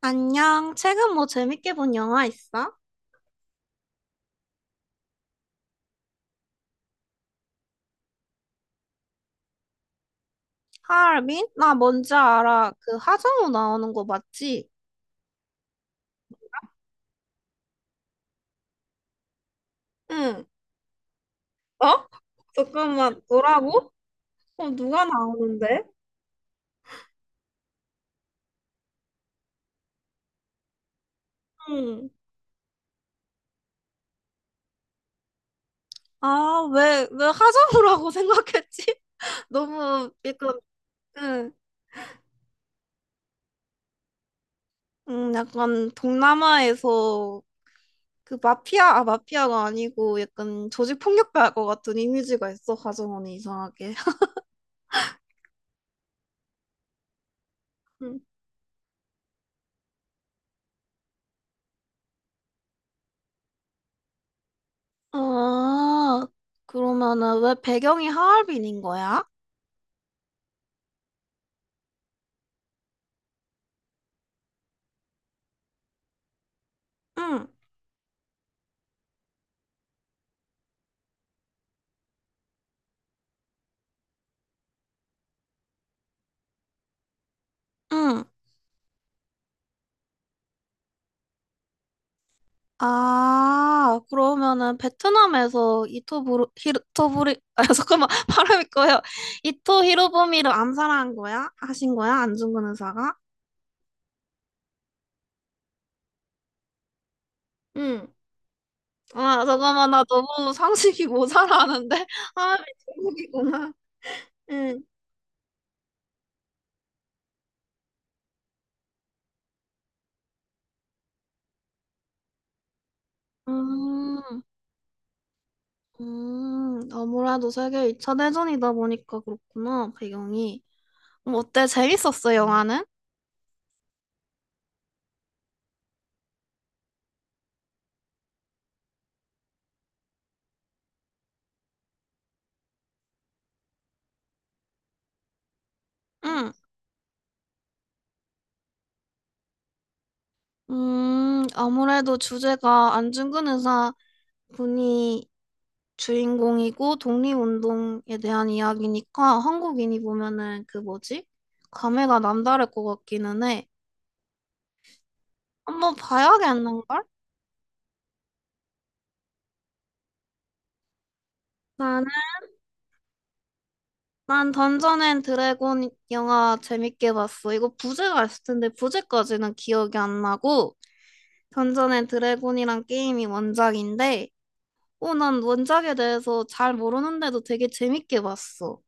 안녕. 최근 뭐 재밌게 본 영화 있어? 하얼빈? 나 뭔지 알아. 그 하정우 나오는 거 맞지? 응. 어? 잠깐만. 뭐라고? 어, 누가 나오는데? 응. 아, 왜 하정우라고 생각했지? 너무 약간, 응. 약간 동남아에서 그 마피아, 아, 마피아가 아니고 약간 조직 폭력배일 것 같은 이미지가 있어, 하정우는 이상하게. 아, 그러면은 왜 배경이 하얼빈인 거야? 응, 응. 아, 그러면은 베트남에서 이토 부르, 히토 부리, 아, 잠깐만, 발음이 꺼요. 이토 히로부미를 암살한 거야? 하신 거야? 안중근 의사가? 응. 아, 잠깐만, 나 너무 상식이 모자라는데? 하얼빈 중국이구나. 응. 음, 아무래도 세계 2차 대전이다 보니까 그렇구나, 배경이. 뭐 어때? 재밌었어, 영화는? 응. 아무래도 주제가 안중근 의사 분이 주인공이고 독립운동에 대한 이야기니까 한국인이 보면은 그 뭐지? 감회가 남다를 것 같기는 해. 한번 봐야겠는걸? 나는 난 던전 앤 드래곤 영화 재밌게 봤어. 이거 부제가 있을 텐데 부제까지는 기억이 안 나고 던전 앤 드래곤이란 게임이 원작인데 어, 난 원작에 대해서 잘 모르는데도 되게 재밌게 봤어.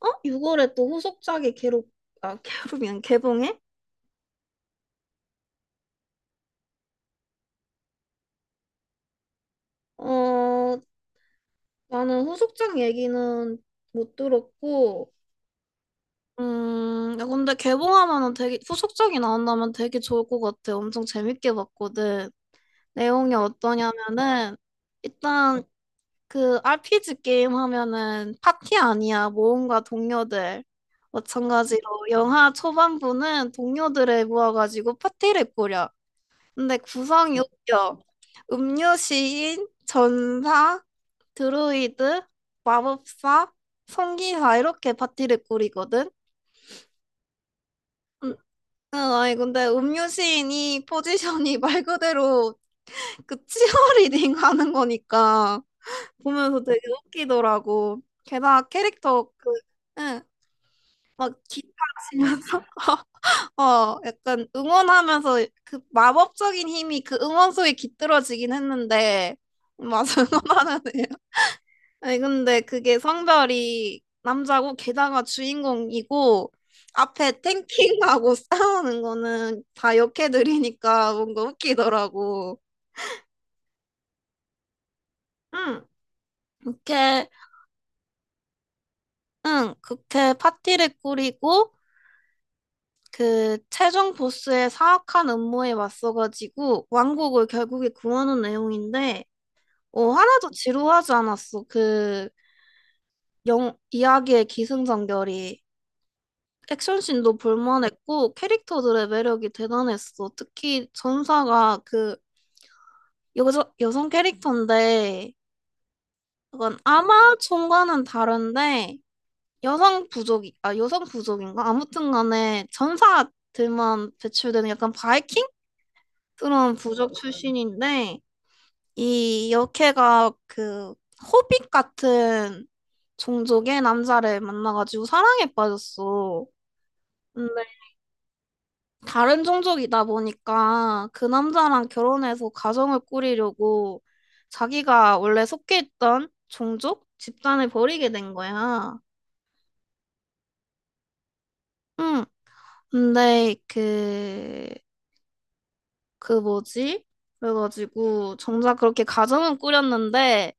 어? 6월에 또 후속작이 개록, 아, 개록이란 개봉해? 어, 나는 후속작 얘기는 못 들었고, 야, 근데 개봉하면은 되게, 후속작이 나온다면 되게 좋을 것 같아. 엄청 재밌게 봤거든. 내용이 어떠냐면은, 일단 그 RPG 게임 하면은 파티 아니야. 모험가 동료들. 마찬가지로 영화 초반부는 동료들을 모아가지고 파티를 꾸려. 근데 구성이 웃겨. 음료 시인, 전사, 드루이드, 마법사, 성기사 이렇게 파티를 꾸리거든. 음, 아니 근데 음료 시인이 포지션이 말 그대로 그 치어리딩 하는 거니까 보면서 되게 웃기더라고. 게다가 캐릭터 그, 응, 막 기타 치면서 어, 약간 응원하면서 그 마법적인 힘이 그 응원 소리에 깃들어지긴 했는데 맞아 응원하네요. 아니 근데 그게 성별이 남자고 게다가 주인공이고 앞에 탱킹하고 싸우는 거는 다 여캐들이니까 뭔가 웃기더라고. 응, 그렇게 응, 그렇게 파티를 꾸리고 그 최종 보스의 사악한 음모에 맞서가지고 왕국을 결국에 구하는 내용인데 어, 하나도 지루하지 않았어. 그 이야기의 기승전결이 액션씬도 볼만했고 캐릭터들의 매력이 대단했어. 특히 전사가 그 여성 캐릭터인데 약간 아마존과는 다른데 여성 부족이 여성 부족인가? 아무튼 간에 전사들만 배출되는 약간 바이킹 그런 부족 출신인데 이 여캐가 그 호빗 같은 종족의 남자를 만나가지고 사랑에 빠졌어. 근데 다른 종족이다 보니까 그 남자랑 결혼해서 가정을 꾸리려고 자기가 원래 속해 있던 종족 집단을 버리게 된 거야. 응. 근데 그 뭐지? 그래가지고 정작 그렇게 가정은 꾸렸는데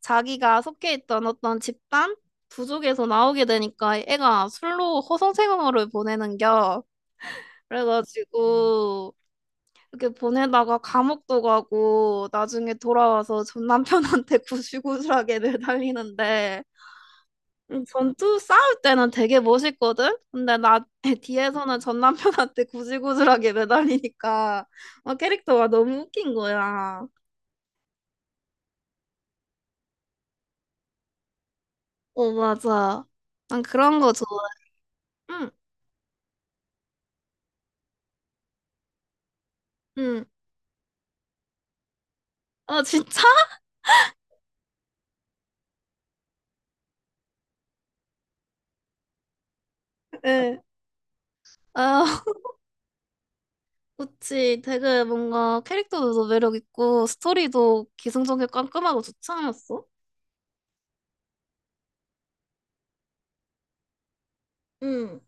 자기가 속해 있던 어떤 집단 부족에서 나오게 되니까 애가 술로 허송세월을 보내는겨. 그래가지고 이렇게 보내다가 감옥도 가고 나중에 돌아와서 전 남편한테 구실구실하게 매달리는데 전투 싸울 때는 되게 멋있거든? 근데 나 뒤에서는 전 남편한테 구질구질하게 매달리니까 어, 캐릭터가 너무 웃긴 거야. 어, 맞아. 난 그런 거 좋아. 응, 응. 어, 진짜. 네. 아, 그치. 되게 뭔가 캐릭터도 매력 있고 스토리도 기승전결 깔끔하고 좋지 않았어? 응,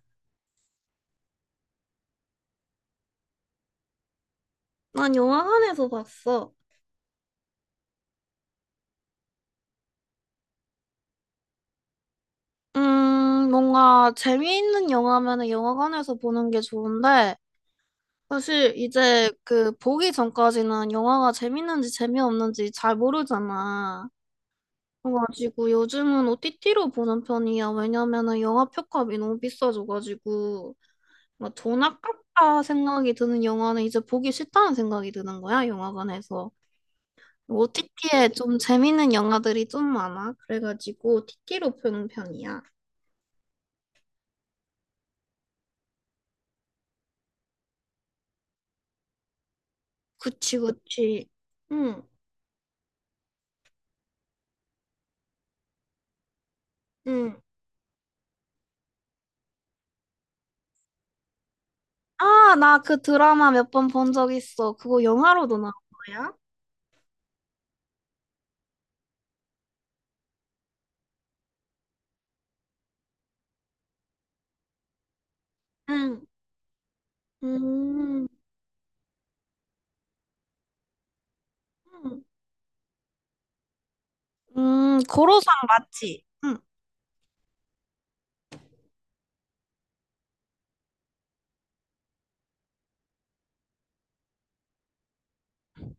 난 영화관에서 봤어. 뭔가 재미있는 영화면은 영화관에서 보는 게 좋은데 사실 이제 그 보기 전까지는 영화가 재밌는지 재미없는지 잘 모르잖아. 그래가지고 요즘은 OTT로 보는 편이야. 왜냐면은 영화 표값이 너무 비싸져가지고. 뭐 돈 아깝다 생각이 드는 영화는 이제 보기 싫다는 생각이 드는 거야, 영화관에서. OTT에 좀 재밌는 영화들이 좀 많아. 그래가지고 티티로 보는 편이야. 그치, 그치. 응, 응. 아, 나 그 드라마 몇 번 본 적 있어. 그거 영화로도 나온 거야? 응. 음, 음, 고로상 맞지? 응.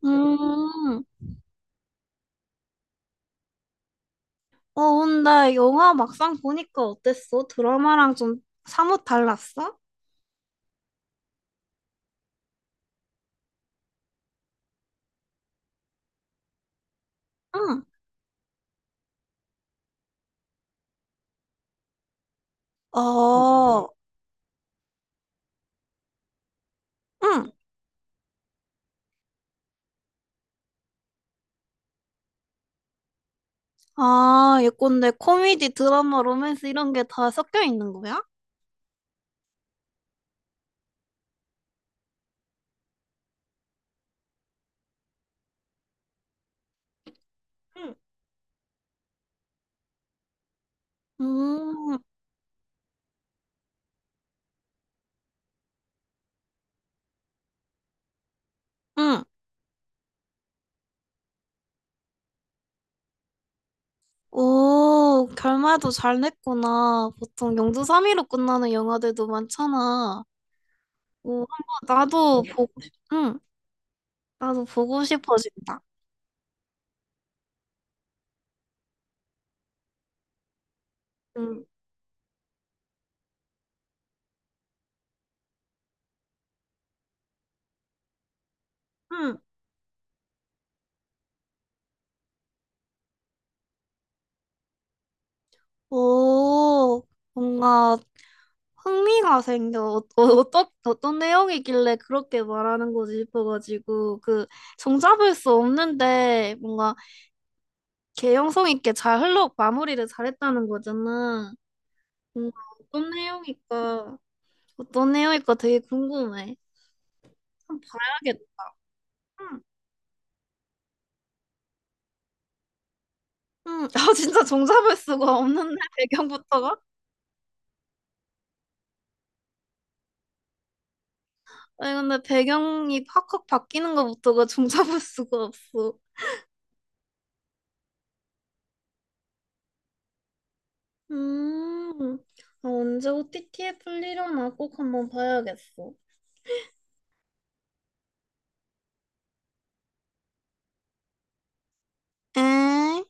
음, 어, 근데 영화 막상 보니까 어땠어? 드라마랑 좀 사뭇 달랐어? 응. 아, 응. 아, 예컨대 코미디, 드라마, 로맨스 이런 게 다 섞여 있는 거야? 응. 음, 응. 오, 결말도 잘 냈구나. 보통 영주삼위로 끝나는 영화들도 많잖아. 오, 한번 나도 보고, 싶- 응, 나도 보고 싶어진다. 응. 응. 오, 뭔가 흥미가 생겨. 어떤 내용이길래 그렇게 말하는 거지 싶어가지고, 그, 종잡을 수 없는데, 뭔가, 개연성 있게 잘 흘러, 마무리를 잘했다는 거잖아. 뭔가, 어떤 내용일까, 어떤 내용일까 되게 궁금해. 한번 봐야겠다. 응, 응. 아, 진짜 종잡을 수가 없는데, 배경부터가? 아니, 근데 배경이 확확 바뀌는 것부터가 종잡을 수가 없어. 음, 아, 언제 OTT에 풀리려나 꼭 한번 봐야겠어. 응?